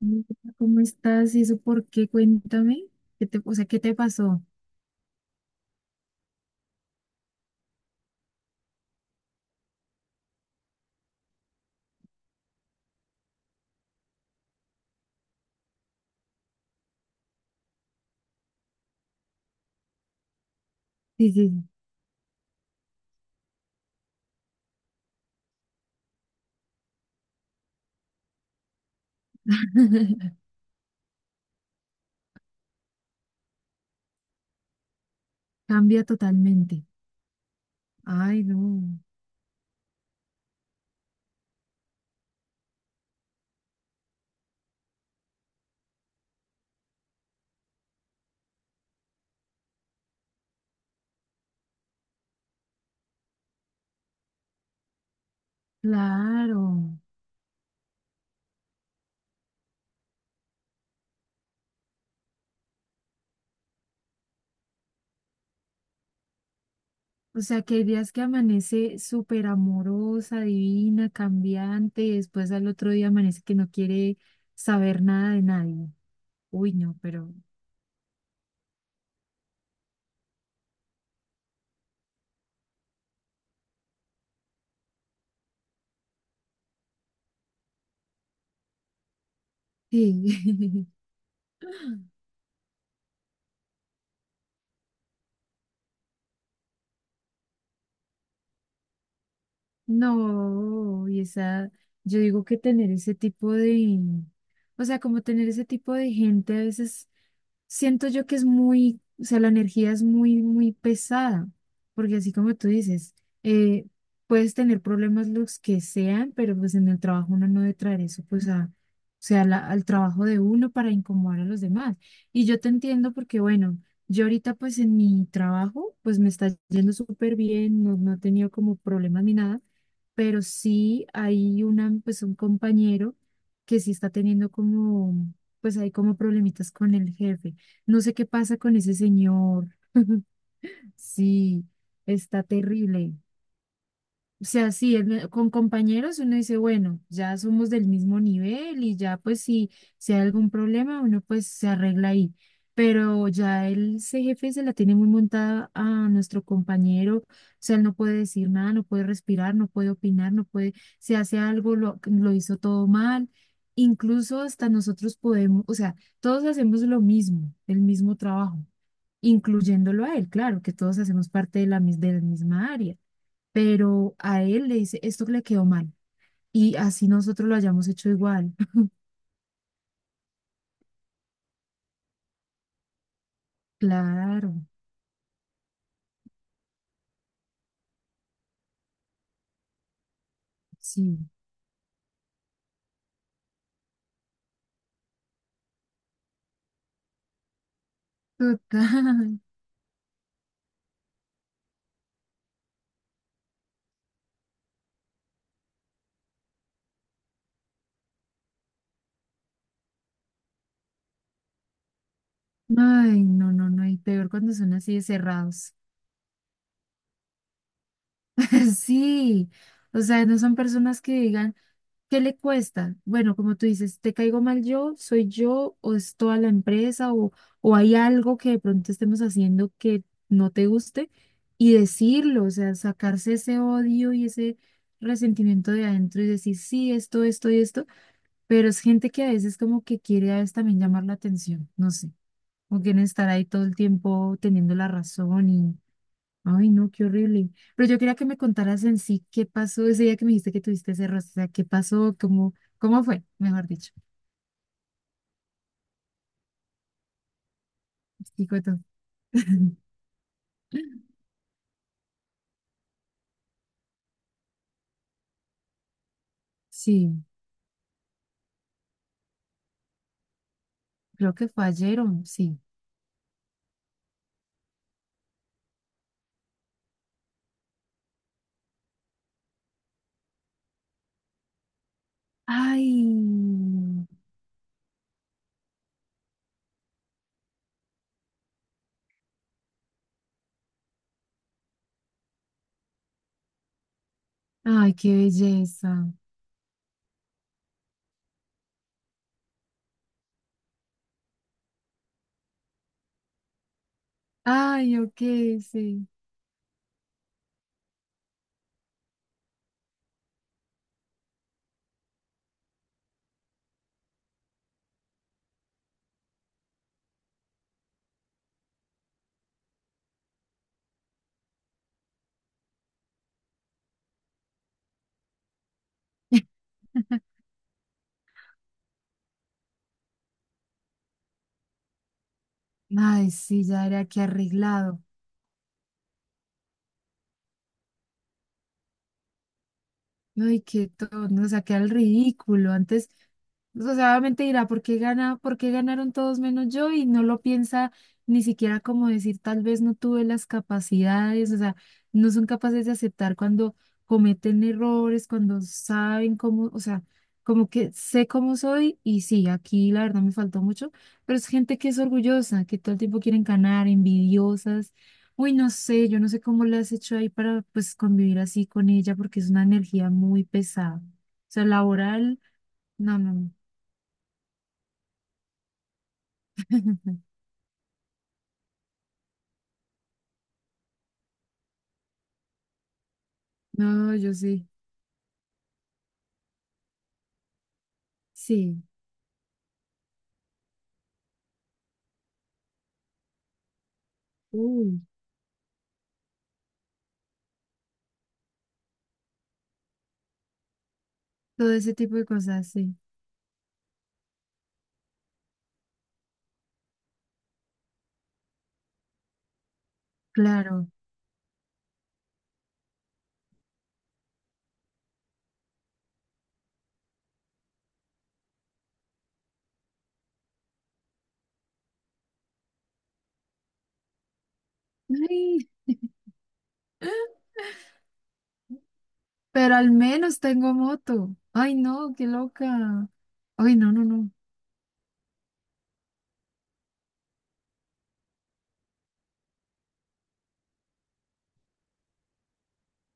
Hola, ¿cómo estás? ¿Y eso por qué? Cuéntame. O sea, ¿qué te pasó? Sí, sí. Sí. Cambia totalmente. Ay, no. Claro. O sea, que hay días que amanece súper amorosa, divina, cambiante, y después al otro día amanece que no quiere saber nada de nadie. Uy, no, pero sí. No, y esa, yo digo que tener ese tipo de, o sea, como tener ese tipo de gente a veces siento yo que es muy, o sea, la energía es muy, muy pesada, porque así como tú dices, eh, puedes tener problemas los que sean, pero pues en el trabajo uno no debe traer eso, pues a, o sea, al trabajo de uno para incomodar a los demás. Y yo te entiendo porque, bueno, yo ahorita pues en mi trabajo, pues me está yendo súper bien, no, no he tenido como problemas ni nada, pero sí hay una, pues un compañero que sí está teniendo como, pues hay como problemitas con el jefe. No sé qué pasa con ese señor. Sí, está terrible. O sea, sí, con compañeros uno dice, bueno, ya somos del mismo nivel y ya pues si hay algún problema uno pues se arregla ahí. Pero ya el ese jefe se la tiene muy montada a nuestro compañero. O sea, él no puede decir nada, no puede respirar, no puede opinar, no puede, si hace algo lo hizo todo mal. Incluso hasta nosotros podemos, o sea, todos hacemos lo mismo, el mismo trabajo incluyéndolo a él, claro, que todos hacemos parte de la misma área, pero a él le dice, esto le quedó mal, y así nosotros lo hayamos hecho igual. Claro, sí, total. Ay, no, no, no, y peor cuando son así de cerrados. Sí, o sea, no son personas que digan, ¿qué le cuesta? Bueno, como tú dices, ¿te caigo mal yo? ¿Soy yo? ¿O es toda la empresa? O hay algo que de pronto estemos haciendo que no te guste? Y decirlo, o sea, sacarse ese odio y ese resentimiento de adentro y decir, sí, esto y esto. Pero es gente que a veces como que quiere a veces también llamar la atención, no sé, o quieren estar ahí todo el tiempo teniendo la razón. Ay, no, qué horrible. Pero yo quería que me contaras en sí qué pasó ese día que me dijiste que tuviste ese roce. O sea, qué pasó, cómo, cómo fue, mejor dicho. Explico todo. Sí, creo que fue ayer o no, sí. Ay, ay, qué belleza. Ay, ok, sí. Ay, sí, ya era que arreglado. Ay, qué tono nos saqué al ridículo. Antes, o sea, obviamente dirá, ¿por qué ganaron todos menos yo? Y no lo piensa ni siquiera como decir, tal vez no tuve las capacidades, o sea, no son capaces de aceptar cuando cometen errores, cuando saben cómo, o sea, como que sé cómo soy y sí, aquí la verdad me faltó mucho, pero es gente que es orgullosa, que todo el tiempo quieren ganar, envidiosas. Uy, no sé, yo no sé cómo le has hecho ahí para pues convivir así con ella porque es una energía muy pesada. O sea, laboral, no, no, no. No, yo sí, sí. Uy, todo ese tipo de cosas, sí, claro. Ay, pero al menos tengo moto. Ay, no, qué loca. Ay, no, no, no.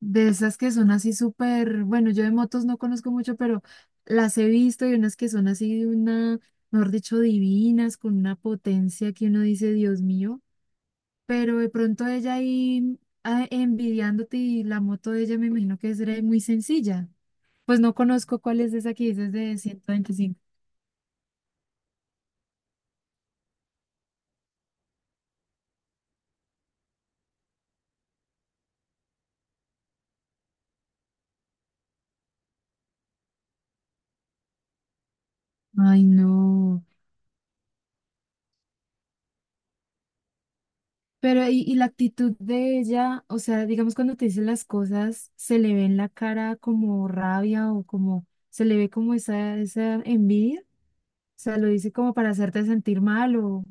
De esas que son así súper, bueno, yo de motos no conozco mucho, pero las he visto y unas que son así de una, mejor dicho, divinas, con una potencia que uno dice, Dios mío, pero de pronto ella ahí ah, envidiándote y la moto de ella me imagino que será muy sencilla. Pues no conozco cuál es esa que dices de 125. Ay, no. Pero y la actitud de ella, o sea, digamos cuando te dice las cosas, se le ve en la cara como rabia o como, se le ve como esa envidia, o sea, lo dice como para hacerte sentir mal o,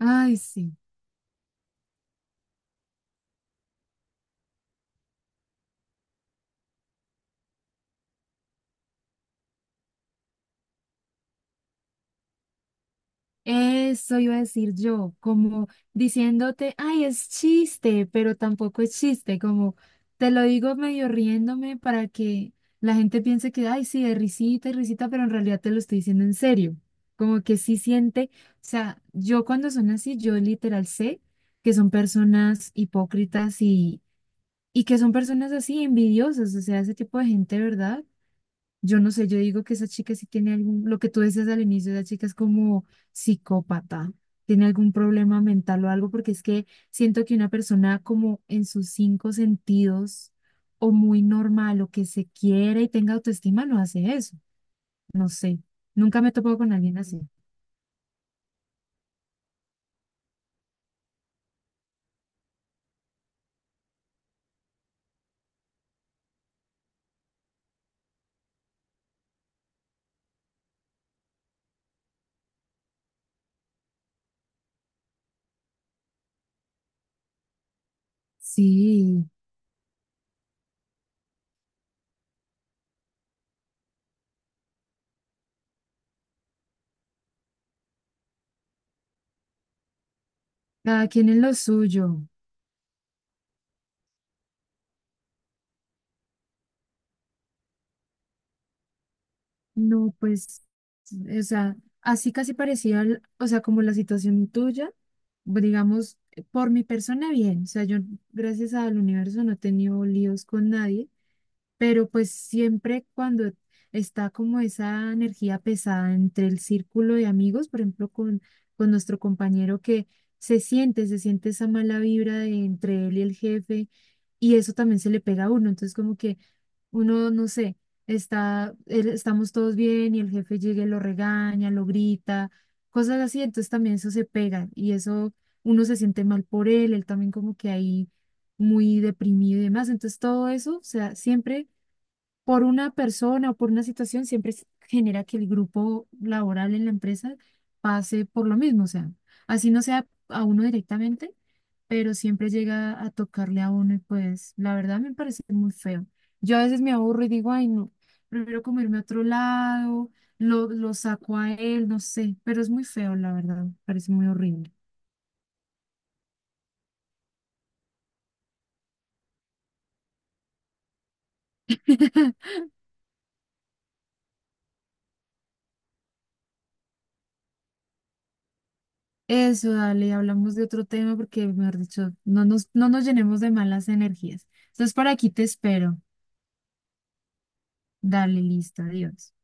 ay, sí. Eso iba a decir yo, como diciéndote, ay, es chiste, pero tampoco es chiste, como te lo digo medio riéndome para que la gente piense que, ay, sí, de risita y risita, pero en realidad te lo estoy diciendo en serio, como que sí siente, o sea, yo cuando son así, yo literal sé que son personas hipócritas y que son personas así envidiosas, o sea, ese tipo de gente, ¿verdad? Yo no sé, yo digo que esa chica sí tiene algún, lo que tú decías al inicio, esa chica es como psicópata, tiene algún problema mental o algo, porque es que siento que una persona como en sus cinco sentidos o muy normal o que se quiere y tenga autoestima no hace eso, no sé, nunca me he topado con alguien así. Sí, cada quien es lo suyo. No, pues, o sea, así casi parecía, o sea, como la situación tuya, digamos, por mi persona bien, o sea, yo gracias al universo no he tenido líos con nadie, pero pues siempre cuando está como esa energía pesada entre el círculo de amigos, por ejemplo, con nuestro compañero que se siente esa mala vibra de entre él y el jefe, y eso también se le pega a uno, entonces como que uno, no sé, está, estamos todos bien y el jefe llega y lo regaña, lo grita, cosas así, entonces también eso se pega y eso uno se siente mal por él, él también como que ahí muy deprimido y demás, entonces todo eso, o sea, siempre por una persona o por una situación siempre genera que el grupo laboral en la empresa pase por lo mismo, o sea, así no sea a uno directamente, pero siempre llega a tocarle a uno y pues la verdad me parece muy feo. Yo a veces me aburro y digo, ay no, prefiero comerme a otro lado, lo saco a él, no sé, pero es muy feo, la verdad, parece muy horrible. Eso, dale, hablamos de otro tema porque, mejor dicho, no nos llenemos de malas energías. Entonces, por aquí te espero. Dale, listo, adiós.